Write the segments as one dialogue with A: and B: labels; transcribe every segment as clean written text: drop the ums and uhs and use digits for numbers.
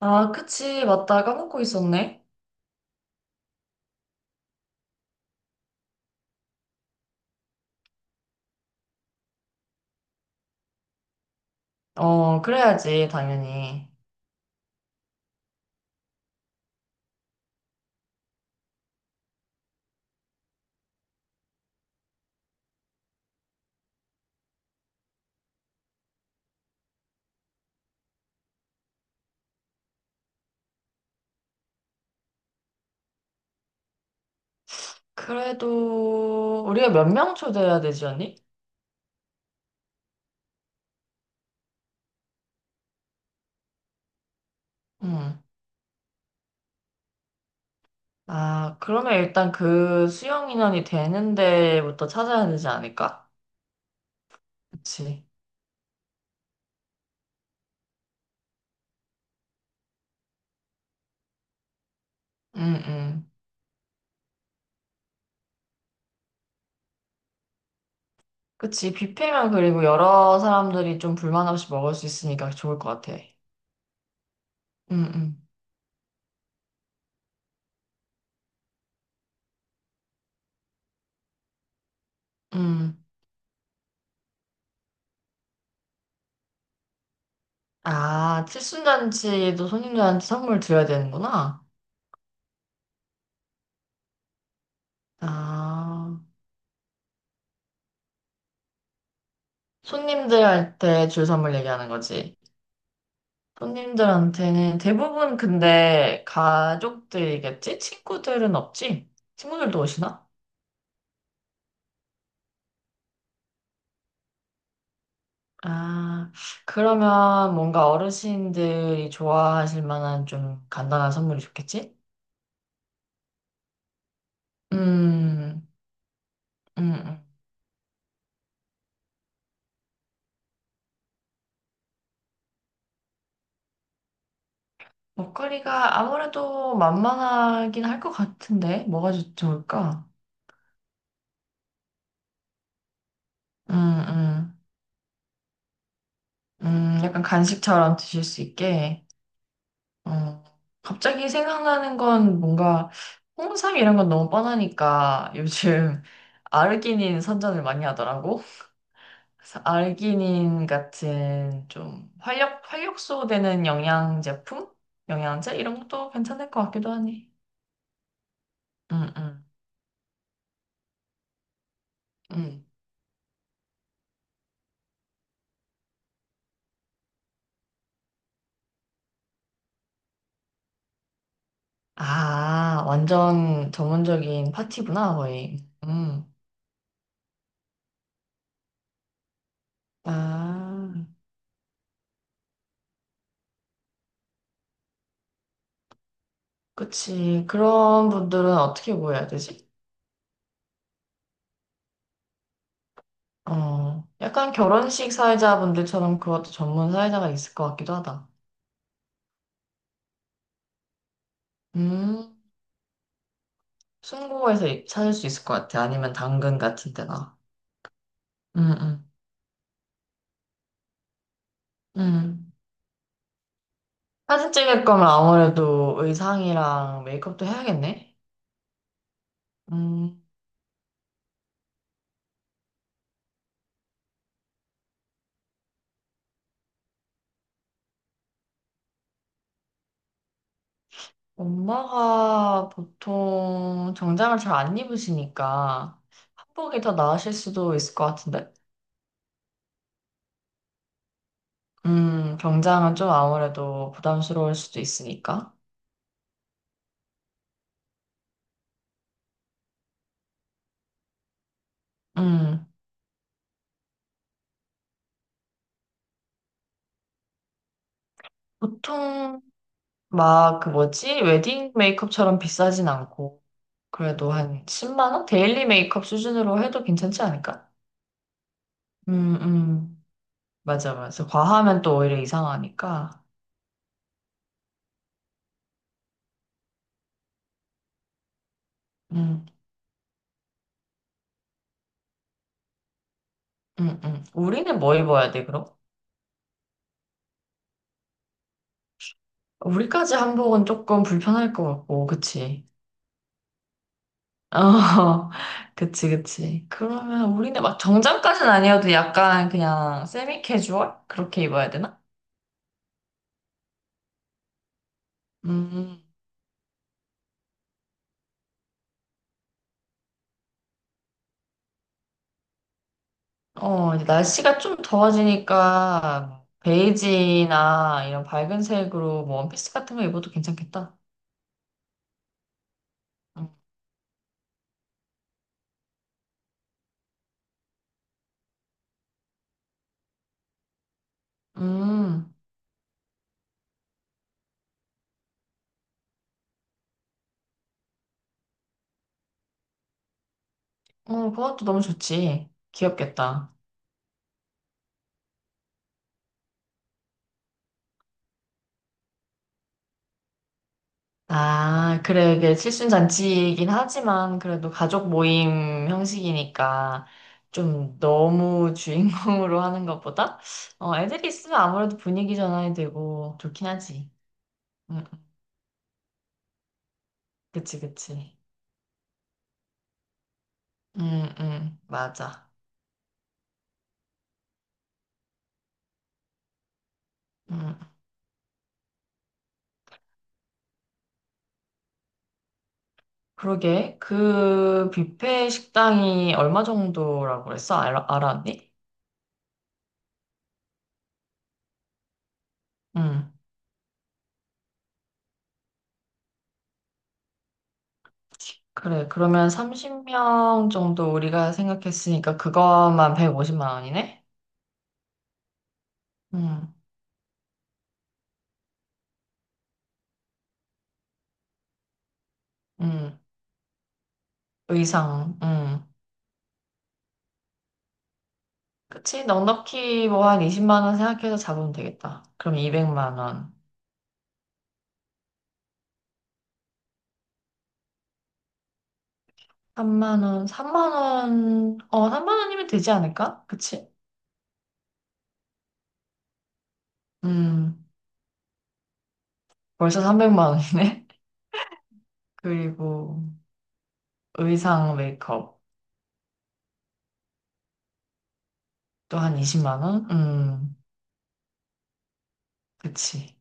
A: 아, 그치. 맞다. 까먹고 있었네. 어, 그래야지, 당연히. 그래도, 우리가 몇 명 초대해야 되지, 언니? 응. 아, 그러면 일단 그 수용 인원이 되는 데부터 찾아야 되지 않을까? 그치. 응, 응. 그치. 뷔페면 그리고 여러 사람들이 좀 불만 없이 먹을 수 있으니까 좋을 것 같아. 응, 응. 응. 아, 칠순잔치도 손님들한테 선물 드려야 되는구나. 아. 손님들한테 줄 선물 얘기하는 거지. 손님들한테는 대부분 근데 가족들이겠지? 친구들은 없지? 친구들도 오시나? 아, 그러면 뭔가 어르신들이 좋아하실 만한 좀 간단한 선물이 좋겠지? 음, 음, 음. 먹거리가 아무래도 만만하긴 할 것 같은데, 좋을까? 음, 음, 약간 간식처럼 드실 수 있게. 어, 갑자기 생각나는 건 뭔가 홍삼 이런 건 너무 뻔하니까 요즘 아르기닌 선전을 많이 하더라고. 그래서 아르기닌 같은 좀 활력, 활력소 되는 영양 제품? 영양제? 이런 것도 괜찮을 것 같기도 하네. 응, 응, 응. 아, 완전 전문적인 파티구나, 거의. 음. 아, 그치. 그런 분들은 어떻게 보여야 되지? 어, 약간 결혼식 사회자분들처럼 그것도 전문 사회자가 있을 것 같기도 하다. 음, 찾을 수 있을 것 같아. 아니면 당근 같은 데나. 음, 음, 음. 사진 찍을 거면 아무래도 의상이랑 메이크업도 해야겠네. 음, 엄마가 보통 정장을 잘 안 입으시니까 한복이 더 나으실 수도 있을 것 같은데. 정장은 좀 아무래도 부담스러울 수도 있으니까. 음. 보통 막 그 뭐지? 웨딩 메이크업처럼 비싸진 않고 그래도 한 10만 원? 데일리 메이크업 수준으로 해도 괜찮지 않을까? 음, 음. 맞아, 맞아. 과하면 또 오히려 이상하니까. 음, 우리는 뭐 입어야 돼, 그럼? 우리까지 한복은 조금 불편할 것 같고, 그치? 어, 그치, 그치. 그러면 우리는 막 정장까지는 아니어도 약간 그냥 세미 캐주얼? 그렇게 입어야 되나? 음. 어, 이제 날씨가 좀 더워지니까 베이지나 이런 밝은 색으로 뭐 원피스 같은 거 입어도 괜찮겠다. 음, 음. 어, 그것도 너무 좋지. 귀엽겠다. 아, 그래, 이게 칠순잔치이긴 하지만 그래도 가족 모임 형식이니까 좀 너무 주인공으로 하는 것보다 어, 애들이 있으면 아무래도 분위기 전환이 되고 좋긴 하지. 음, 음. 그치, 그치. 맞아. 음. 그러게. 그 뷔페 식당이 얼마 정도라고 그랬어? 알아, 알았니? 응. 그래. 그러면 30명 정도 우리가 생각했으니까 그것만 150만 원이네? 응. 응. 의상. 응. 그치? 넉넉히 뭐 한 20만 원 생각해서 잡으면 되겠다. 그럼 200만 원. 3만 원. 3만 원. 어, 3만 원이면 되지 않을까? 그치? 음. 벌써 300만 원이네. 그리고 의상 메이크업. 또 한 20만 원? 그치.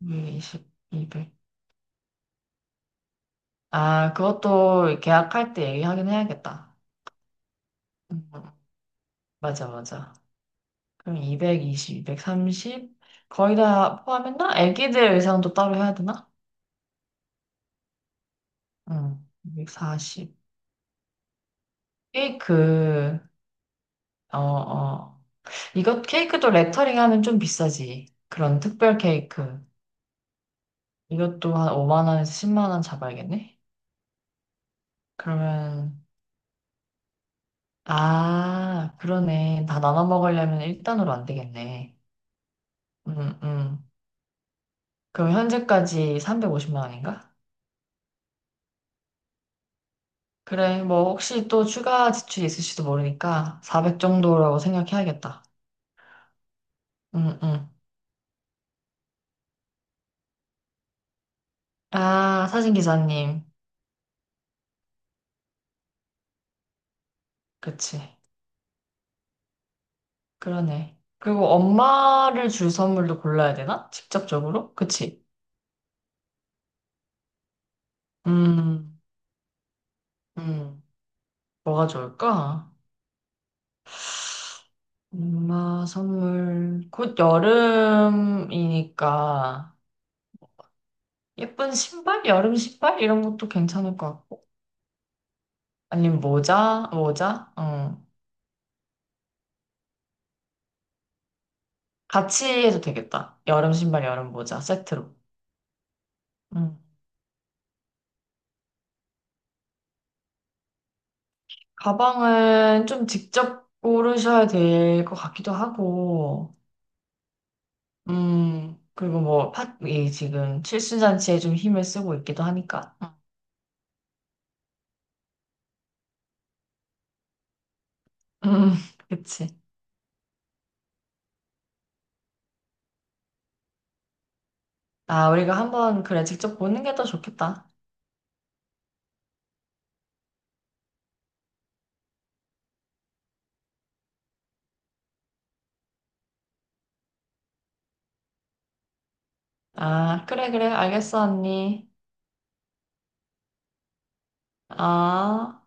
A: 220, 200. 아, 그것도 계약할 때 얘기하긴 해야겠다. 음, 맞아, 맞아. 그럼 220, 230? 거의 다 포함했나? 애기들 의상도 따로 해야 되나? 응, 240. 케이크, 어, 어. 이것, 케이크도 레터링 하면 좀 비싸지. 그런 특별 케이크. 이것도 한 5만 원에서 10만 원 잡아야겠네? 그러면, 아, 그러네. 다 나눠 먹으려면 1단으로 안 되겠네. 음, 음. 그럼 현재까지 350만 원인가? 그래, 뭐 혹시 또 추가 지출이 있을지도 모르니까 400 정도라고 생각해야겠다. 음, 음. 아, 사진 기사님. 그치. 그러네. 그리고 엄마를 줄 선물도 골라야 되나? 직접적으로? 그치. 음, 음. 뭐가 좋을까? 엄마 선물. 곧 여름이니까. 예쁜 신발? 여름 신발? 이런 것도 괜찮을 것 같고. 아니면 모자? 모자? 어. 같이 해도 되겠다. 여름 신발, 여름 모자 세트로. 음. 가방은 좀 직접 고르셔야 될 것 같기도 하고. 음. 그리고 뭐, 팟, 이 지금 칠순잔치에 좀 힘을 쓰고 있기도 하니까. 음. 그치. 아, 우리가 한번 그래 직접 보는 게 더 좋겠다. 아, 그래, 그래. 알겠어, 언니. 아.